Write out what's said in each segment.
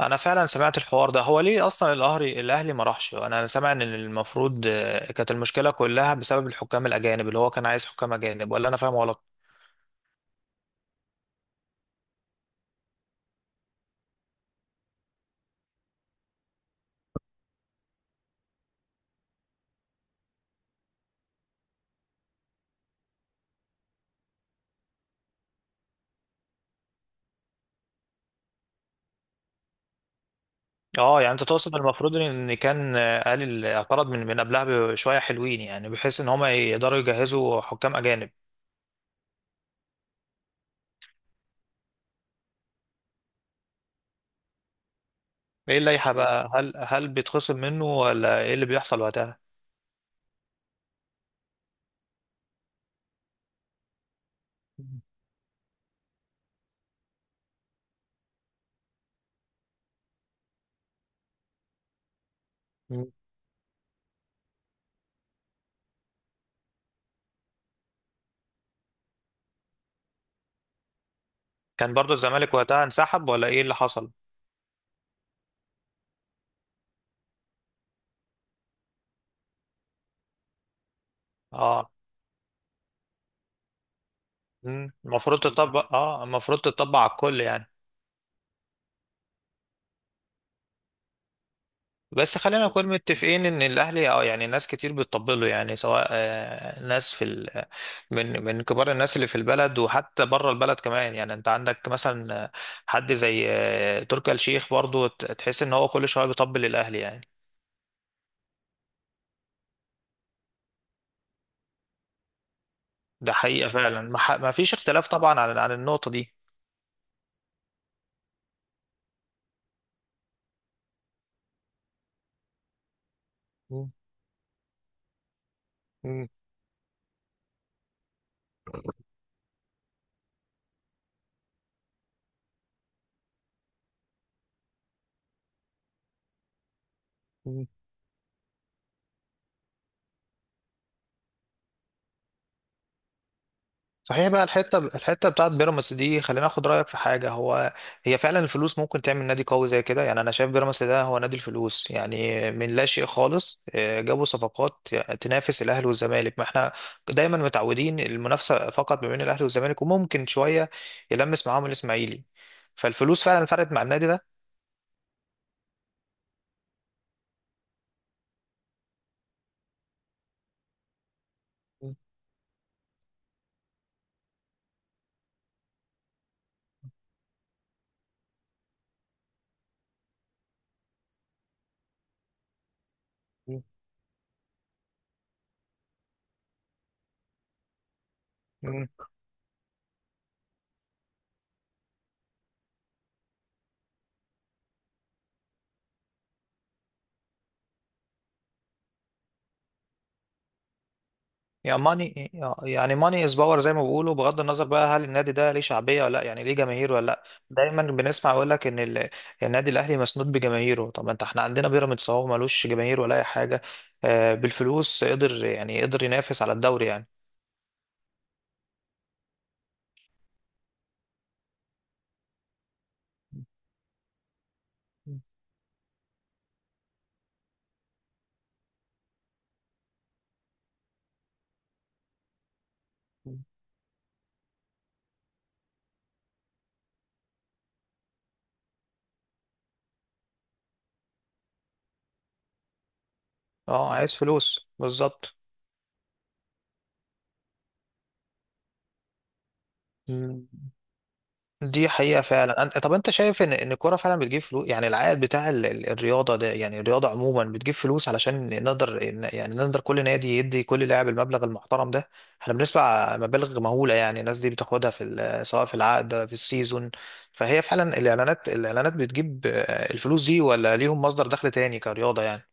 انا فعلا سمعت الحوار ده. هو ليه اصلا الاهلي ما راحش؟ انا سامع ان المفروض كانت المشكله كلها بسبب الحكام الاجانب، اللي هو كان عايز حكام اجانب، ولا انا فاهم غلط؟ اه يعني انت تقصد المفروض ان كان قال اعترض من قبلها بشويه حلوين، يعني بحيث ان هم يقدروا يجهزوا حكام اجانب. ايه اللائحه بقى؟ هل بيتخصم منه ولا ايه اللي بيحصل وقتها؟ مم. كان برضو الزمالك وقتها انسحب ولا ايه اللي حصل؟ اه. مم. المفروض تطبق، اه المفروض تطبق على الكل يعني. بس خلينا نكون متفقين ان الاهلي، اه يعني ناس كتير بتطبله، يعني سواء ناس في ال... آه، من كبار الناس اللي في البلد، وحتى بره البلد كمان. يعني انت عندك مثلا حد زي تركي آل الشيخ، برضو تحس ان هو كل شويه بيطبل الاهلي يعني. ده حقيقه فعلا، ما فيش اختلاف طبعا عن النقطه دي. مم. مم. صحيح، بقى الحته بتاعت بيراميدز دي، خلينا اخد رايك في حاجه. هو هي فعلا الفلوس ممكن تعمل نادي قوي زي كده يعني؟ انا شايف بيراميدز ده هو نادي الفلوس، يعني من لا شيء خالص جابوا صفقات تنافس الاهلي والزمالك. ما احنا دايما متعودين المنافسه فقط ما بين الاهلي والزمالك، وممكن شويه يلمس معاهم الاسماعيلي. فالفلوس فعلا فرقت مع النادي ده. يعني ماني، يعني ماني از باور زي ما بيقولوا. بغض النظر بقى، هل النادي ده ليه شعبيه ولا لا، يعني ليه جماهير ولا لا؟ دايما بنسمع يقول لك ان النادي الاهلي مسنود بجماهيره. طب ما انت احنا عندنا بيراميدز اهو، ملوش جماهير ولا اي حاجه، بالفلوس قدر، يعني قدر ينافس على الدوري يعني. اه، عايز فلوس بالظبط. دي حقيقة فعلا. طب انت شايف ان ان الكورة فعلا بتجيب فلوس؟ يعني العائد بتاع الرياضة ده، يعني الرياضة عموما بتجيب فلوس علشان نقدر يعني نقدر كل نادي يدي كل لاعب المبلغ المحترم ده؟ احنا بنسمع مبالغ مهولة يعني، الناس دي بتاخدها في سواء في العقد في السيزون. فهي فعلا الاعلانات، الاعلانات بتجيب الفلوس دي، ولا ليهم مصدر دخل تاني كرياضة يعني؟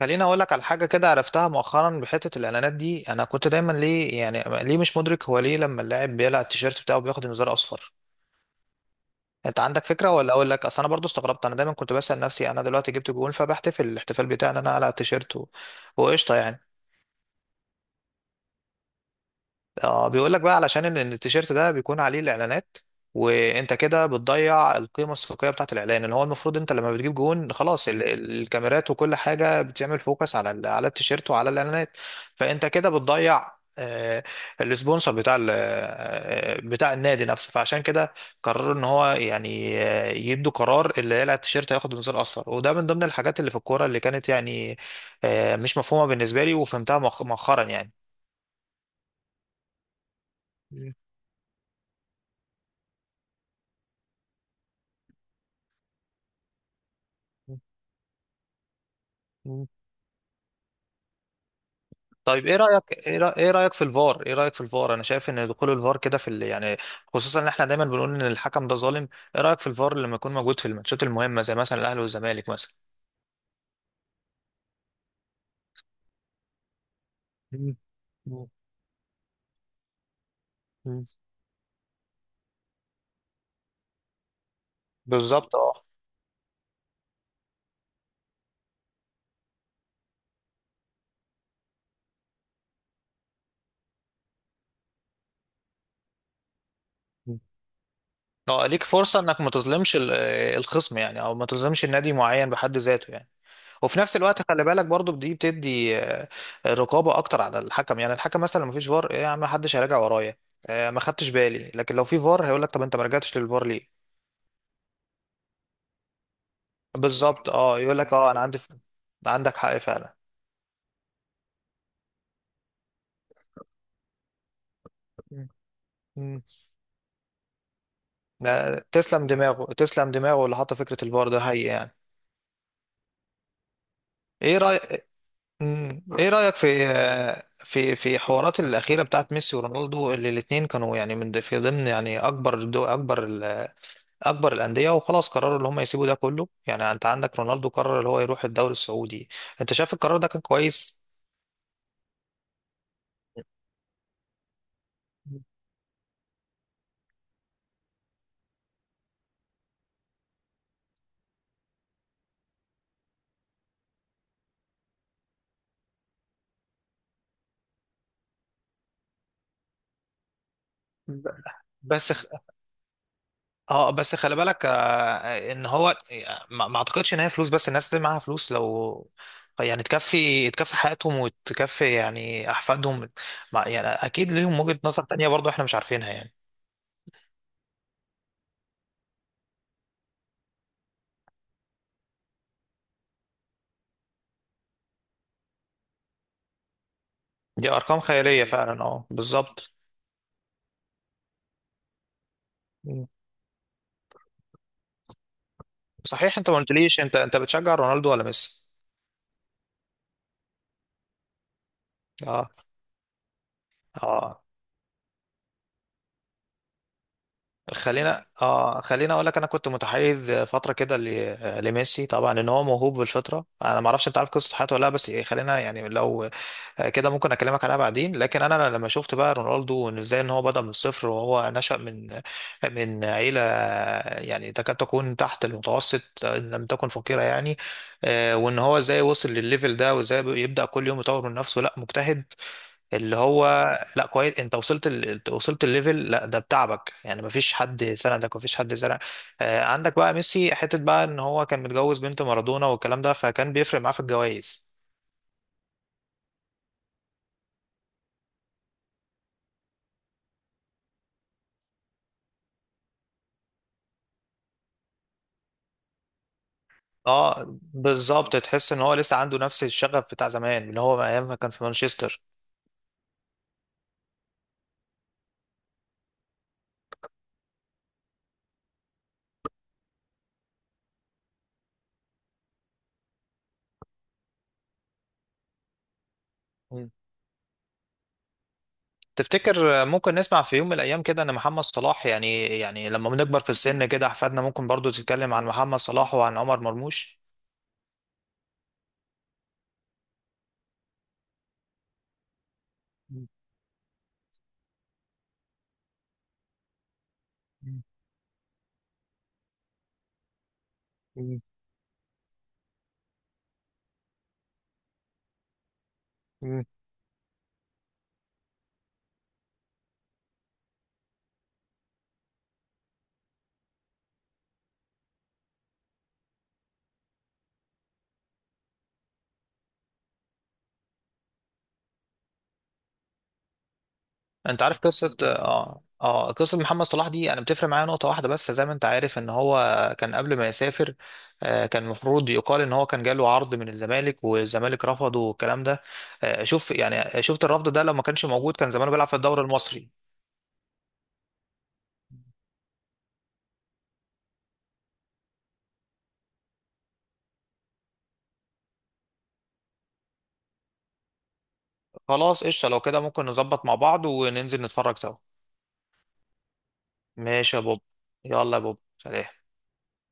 خليني اقول لك على حاجه كده عرفتها مؤخرا بحته الاعلانات دي. انا كنت دايما ليه، يعني ليه مش مدرك هو ليه لما اللاعب بيقلع التيشيرت بتاعه بياخد انذار اصفر؟ انت عندك فكره ولا اقول لك؟ اصل انا برضو استغربت، انا دايما كنت بسال نفسي انا دلوقتي جبت جون، فبحتفل الاحتفال بتاعي ان انا على التيشيرت وقشطه يعني. اه بيقول لك بقى علشان ان إن التيشيرت ده بيكون عليه الاعلانات، وانت كده بتضيع القيمه السوقيه بتاعت الاعلان، اللي هو المفروض انت لما بتجيب جون خلاص الكاميرات وكل حاجه بتعمل فوكس على على التيشيرت وعلى الاعلانات. فانت كده بتضيع السبونسر بتاع بتاع النادي نفسه. فعشان كده قرروا ان هو يعني يدوا قرار اللي يقلع التيشيرت هياخد انذار اصفر. وده من ضمن الحاجات اللي في الكوره اللي كانت يعني مش مفهومه بالنسبه لي، وفهمتها مؤخرا يعني. مم. طيب ايه رايك؟ ايه إيه رايك في الفار؟ ايه رايك في الفار؟ انا شايف ان دخول الفار كده في يعني، خصوصا ان احنا دايما بنقول ان الحكم ده ظالم. ايه رايك في الفار لما يكون موجود في الماتشات المهمه زي مثلا الاهلي والزمالك مثلا؟ مم. مم. مم. بالظبط، اه. مم. اه ليك فرصه انك ما تظلمش الخصم يعني، او ما تظلمش النادي معين بحد ذاته يعني. وفي نفس الوقت خلي بالك برضو دي بتدي رقابه اكتر على الحكم. يعني الحكم مثلا لو مفيش فار، ايه يا عم؟ محدش هيراجع ورايا، ما خدتش بالي. لكن لو في فار هيقول لك طب انت ما رجعتش للفار ليه؟ بالظبط، اه. يقول لك اه انا عندي عندك حق فعلا. مم. مم. لا، تسلم دماغه، تسلم دماغه اللي حط فكرة الفار ده، هي يعني. ايه رأيك، ايه رأيك في في في حوارات الأخيرة بتاعت ميسي ورونالدو، اللي الاتنين كانوا يعني من في ضمن يعني اكبر اكبر الأندية، وخلاص قرروا ان هم يسيبوا ده كله. يعني انت عندك رونالدو قرر اللي هو يروح الدوري السعودي. انت شايف القرار ده كان كويس؟ مم. بس، اه بس خلي بالك ان هو ما اعتقدش ان هي فلوس بس. الناس اللي معاها فلوس لو يعني تكفي حياتهم وتكفي يعني احفادهم، يعني اكيد ليهم وجهة نظر تانية برضو احنا مش عارفينها يعني. دي ارقام خيالية فعلا، اه بالظبط. مم. صحيح، انت ما قلتليش، انت انت بتشجع رونالدو ولا ميسي؟ اه. اه خلينا، خلينا اقول لك انا كنت متحيز فتره كده لميسي طبعا، ان هو موهوب بالفطره. انا ما اعرفش انت عارف قصه حياته ولا لا، بس خلينا يعني لو كده ممكن اكلمك عليها بعدين. لكن انا لما شفت بقى رونالدو، إن ازاي ان هو بدأ من الصفر، وهو نشأ من من عيلة يعني تكاد تكون تحت المتوسط ان لم تكن فقيرة يعني. وان هو ازاي وصل للليفل ده، وازاي يبدأ كل يوم يطور من نفسه. لا مجتهد اللي هو، لا كويس انت وصلت وصلت الليفل، لا ده بتعبك، يعني مفيش حد سندك، مفيش حد سندك. عندك بقى ميسي حتة بقى ان هو كان متجوز بنت مارادونا والكلام ده، فكان بيفرق معاه في الجوائز. اه بالظبط، تحس ان هو لسه عنده نفس الشغف بتاع زمان، اللي هو ايام ما كان في مانشستر. مم. تفتكر ممكن نسمع في يوم من الايام كده ان محمد صلاح، يعني يعني لما بنكبر في السن كده احفادنا ممكن برضو تتكلم عن محمد صلاح وعن عمر مرموش؟ مم. مم. انت عارف قصه، اه اه قصه محمد صلاح دي؟ انا بتفرق معايا نقطه واحده بس، زي ما انت عارف ان هو كان قبل ما يسافر، كان المفروض يقال ان هو كان جاله عرض من الزمالك والزمالك رفضه والكلام ده. شوف يعني، شفت الرفض ده لو ما كانش موجود، كان زمانه بيلعب في الدوري المصري. خلاص قشطه، لو كده ممكن نظبط مع بعض وننزل نتفرج سوا. ماشي يا بوب. يلا يا بوب، سلام.